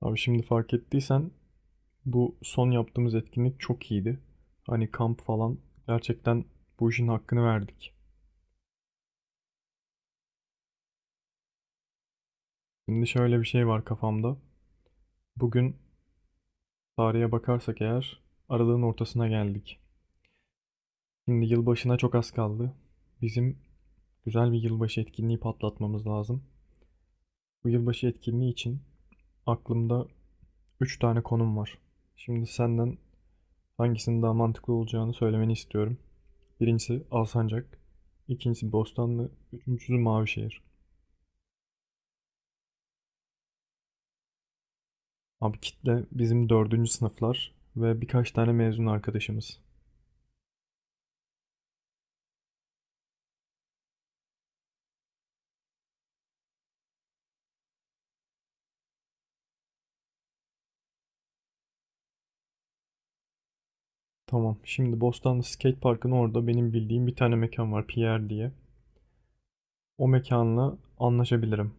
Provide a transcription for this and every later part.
Abi şimdi fark ettiysen bu son yaptığımız etkinlik çok iyiydi. Hani kamp falan gerçekten bu işin hakkını verdik. Şimdi şöyle bir şey var kafamda. Bugün tarihe bakarsak eğer aralığın ortasına geldik. Şimdi yılbaşına çok az kaldı. Bizim güzel bir yılbaşı etkinliği patlatmamız lazım. Bu yılbaşı etkinliği için aklımda 3 tane konum var. Şimdi senden hangisinin daha mantıklı olacağını söylemeni istiyorum. Birincisi Alsancak. İkincisi Bostanlı. Üçüncüsü Mavişehir. Abi kitle bizim dördüncü sınıflar ve birkaç tane mezun arkadaşımız. Tamam, şimdi Bostanlı Skate Park'ın orada benim bildiğim bir tane mekan var, Pierre diye. O mekanla anlaşabilirim.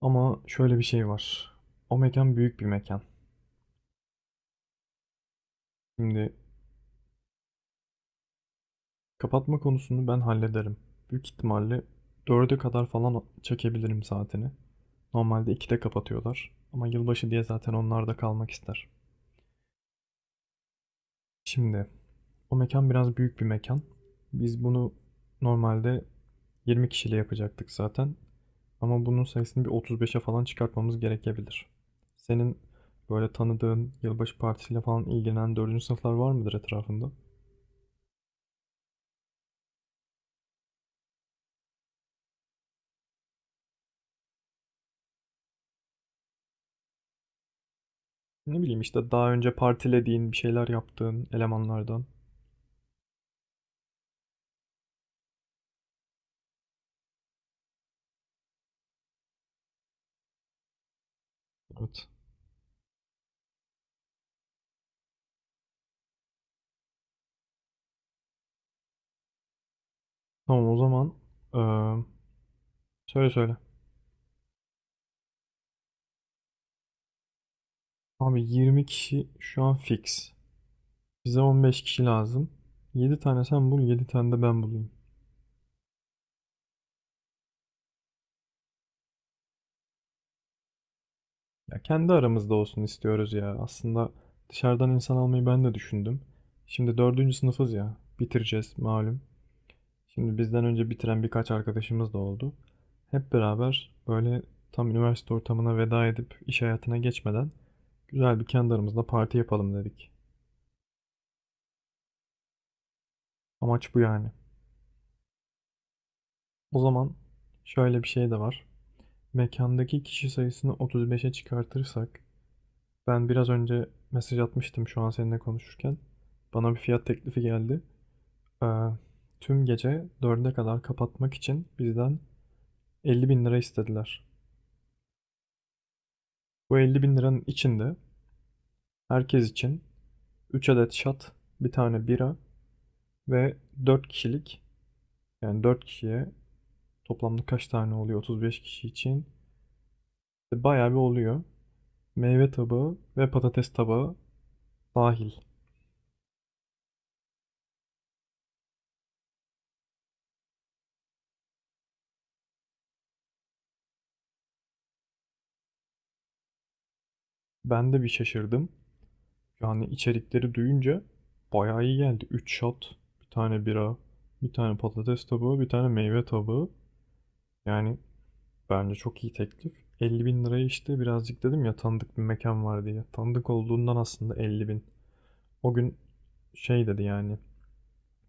Ama şöyle bir şey var. O mekan büyük bir mekan. Şimdi kapatma konusunu ben hallederim. Büyük ihtimalle 4'e kadar falan çekebilirim saatini. Normalde 2'de kapatıyorlar. Ama yılbaşı diye zaten onlar da kalmak ister. Şimdi o mekan biraz büyük bir mekan. Biz bunu normalde 20 kişiyle yapacaktık zaten. Ama bunun sayısını bir 35'e falan çıkartmamız gerekebilir. Senin böyle tanıdığın yılbaşı partisiyle falan ilgilenen 4. sınıflar var mıdır etrafında? Ne bileyim, işte daha önce partilediğin, bir şeyler yaptığın elemanlardan. Evet. Tamam, o zaman eee, söyle söyle. Abi 20 kişi şu an fix. Bize 15 kişi lazım. 7 tane sen bul, 7 tane de ben bulayım. Ya kendi aramızda olsun istiyoruz ya. Aslında dışarıdan insan almayı ben de düşündüm. Şimdi dördüncü sınıfız ya. Bitireceğiz malum. Şimdi bizden önce bitiren birkaç arkadaşımız da oldu. Hep beraber böyle tam üniversite ortamına veda edip iş hayatına geçmeden güzel bir kendi aramızda parti yapalım dedik. Amaç bu yani. O zaman şöyle bir şey de var. Mekandaki kişi sayısını 35'e çıkartırsak, ben biraz önce mesaj atmıştım şu an seninle konuşurken. Bana bir fiyat teklifi geldi. Ee, tüm gece 4'e kadar kapatmak için bizden 50 bin lira istediler. Bu 50 bin liranın içinde herkes için 3 adet şat, bir tane bira ve 4 kişilik, yani 4 kişiye toplamda kaç tane oluyor 35 kişi için. İşte bayağı bir oluyor. Meyve tabağı ve patates tabağı dahil. Ben de bir şaşırdım. Yani içerikleri duyunca bayağı iyi geldi. 3 şat, bir tane bira, bir tane patates tabağı, bir tane meyve tabağı. Yani. Bence çok iyi teklif. 50 bin liraya, işte birazcık dedim ya, tanıdık bir mekan var diye. Tanıdık olduğundan aslında 50 bin. O gün şey dedi yani.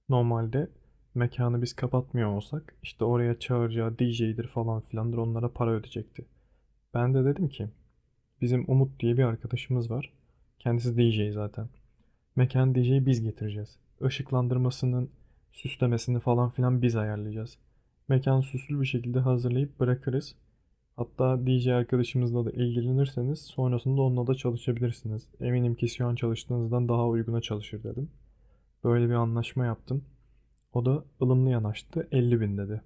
Normalde mekanı biz kapatmıyor olsak işte oraya çağıracağı DJ'dir falan filandır, onlara para ödeyecekti. Ben de dedim ki bizim Umut diye bir arkadaşımız var. Kendisi DJ zaten. Mekan DJ'yi biz getireceğiz. Işıklandırmasının, süslemesini falan filan biz ayarlayacağız. Mekan süslü bir şekilde hazırlayıp bırakırız. Hatta DJ arkadaşımızla da ilgilenirseniz sonrasında onunla da çalışabilirsiniz. Eminim ki şu an çalıştığınızdan daha uyguna çalışır dedim. Böyle bir anlaşma yaptım. O da ılımlı yanaştı, 50 bin dedi.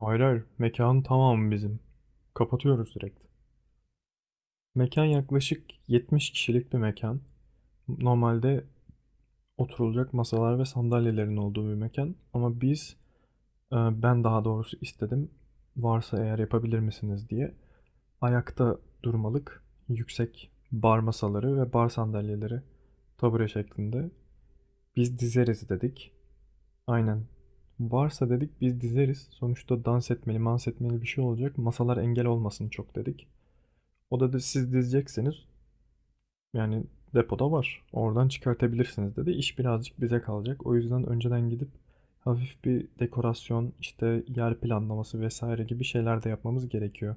Hayır hayır, mekanın tamamı bizim. Kapatıyoruz direkt. Mekan yaklaşık 70 kişilik bir mekan. Normalde oturulacak masalar ve sandalyelerin olduğu bir mekan. Ama e, ben daha doğrusu istedim. Varsa eğer yapabilir misiniz diye. Ayakta durmalık yüksek bar masaları ve bar sandalyeleri, tabure şeklinde. Biz dizeriz dedik. Aynen. Varsa dedik biz dizeriz. Sonuçta dans etmeli, mans etmeli bir şey olacak. Masalar engel olmasın çok dedik. O da siz dizeceksiniz. Yani depoda var. Oradan çıkartabilirsiniz dedi. İş birazcık bize kalacak. O yüzden önceden gidip hafif bir dekorasyon, işte yer planlaması vesaire gibi şeyler de yapmamız gerekiyor.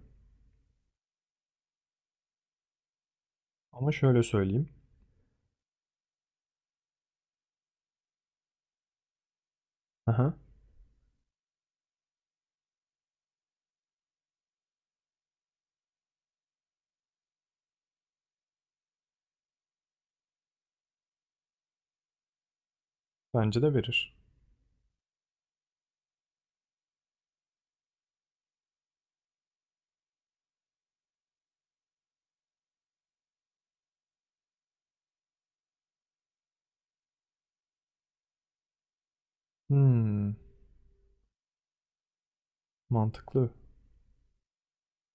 Ama şöyle söyleyeyim. Aha, bence de verir. Hmm, mantıklı.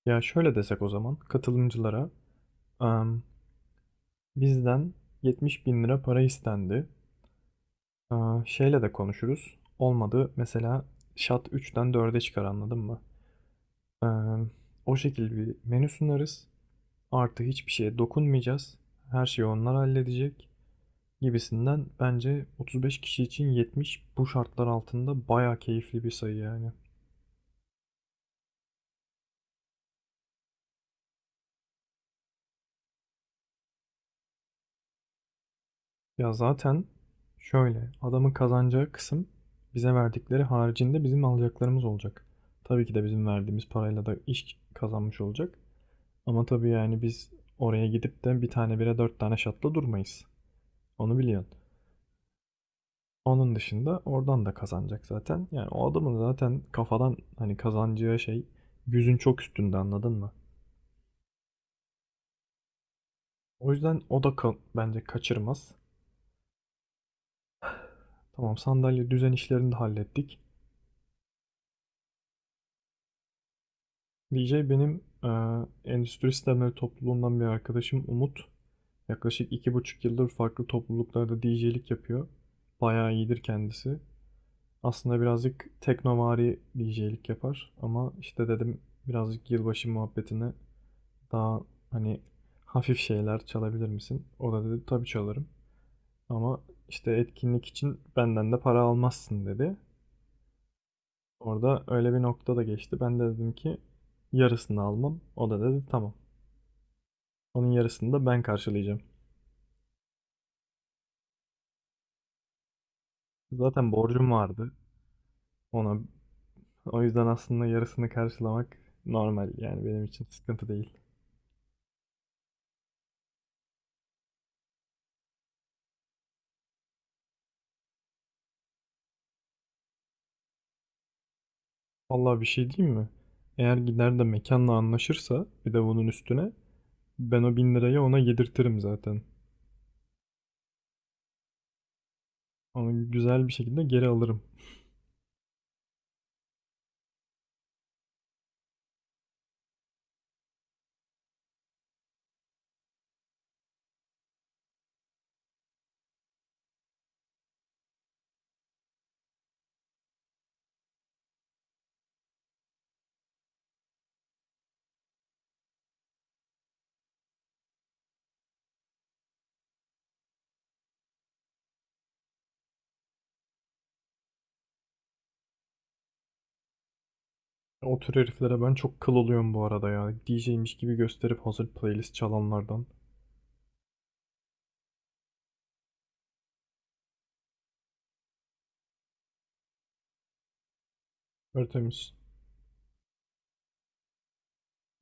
Ya şöyle desek o zaman katılımcılara, em, bizden 70 bin lira para istendi. Aa, şeyle de konuşuruz. Olmadı mesela şat üç'ten dörde çıkar, anladın mı? Em, o şekilde bir menü sunarız. Artı hiçbir şeye dokunmayacağız. Her şeyi onlar halledecek gibisinden, bence 35 kişi için 70 bu şartlar altında bayağı keyifli bir sayı yani. Ya zaten şöyle, adamın kazanacağı kısım bize verdikleri haricinde bizim alacaklarımız olacak. Tabii ki de bizim verdiğimiz parayla da iş kazanmış olacak. Ama tabii yani biz oraya gidip de bir tane bire dört tane şatla durmayız. Onu biliyorsun. Onun dışında oradan da kazanacak zaten. Yani o adamın zaten kafadan hani kazanacağı şey yüzün çok üstünde, anladın mı? O yüzden o da bence kaçırmaz. Tamam, sandalye düzen işlerini de hallettik. DJ benim endüstri sistemleri topluluğundan bir arkadaşım Umut. Yaklaşık 2,5 yıldır farklı topluluklarda DJ'lik yapıyor. Bayağı iyidir kendisi. Aslında birazcık teknovari DJ'lik yapar ama işte dedim birazcık yılbaşı muhabbetine daha hani hafif şeyler çalabilir misin? O da dedi tabii çalarım. Ama işte etkinlik için benden de para almazsın dedi. Orada öyle bir nokta da geçti. Ben de dedim ki yarısını almam. O da dedi tamam. Onun yarısını da ben karşılayacağım. Zaten borcum vardı ona. O yüzden aslında yarısını karşılamak normal, yani benim için sıkıntı değil. Vallahi bir şey diyeyim mi? Eğer gider de mekanla anlaşırsa bir de bunun üstüne ben o 1.000 lirayı ona yedirtirim zaten. Onu güzel bir şekilde geri alırım. O tür heriflere ben çok kıl oluyorum bu arada ya. DJ'miş gibi gösterip hazır playlist çalanlardan. Örtemiz.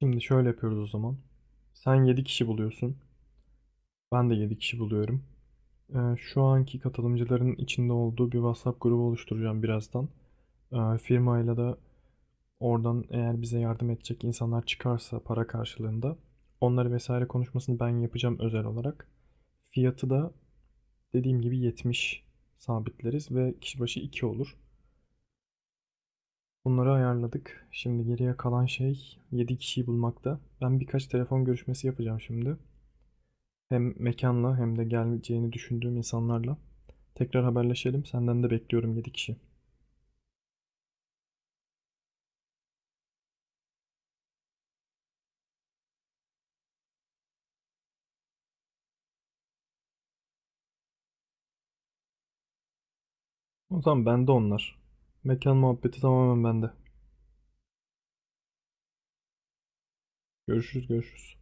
Şimdi şöyle yapıyoruz o zaman. Sen 7 kişi buluyorsun. Ben de 7 kişi buluyorum. Şu anki katılımcıların içinde olduğu bir WhatsApp grubu oluşturacağım birazdan. Firmayla da oradan eğer bize yardım edecek insanlar çıkarsa para karşılığında onları vesaire konuşmasını ben yapacağım özel olarak. Fiyatı da, dediğim gibi, 70 sabitleriz ve kişi başı 2 olur. Bunları ayarladık. Şimdi geriye kalan şey 7 kişiyi bulmakta. Ben birkaç telefon görüşmesi yapacağım şimdi. Hem mekanla hem de geleceğini düşündüğüm insanlarla. Tekrar haberleşelim. Senden de bekliyorum 7 kişi. O zaman bende onlar. Mekan muhabbeti tamamen bende. Görüşürüz görüşürüz.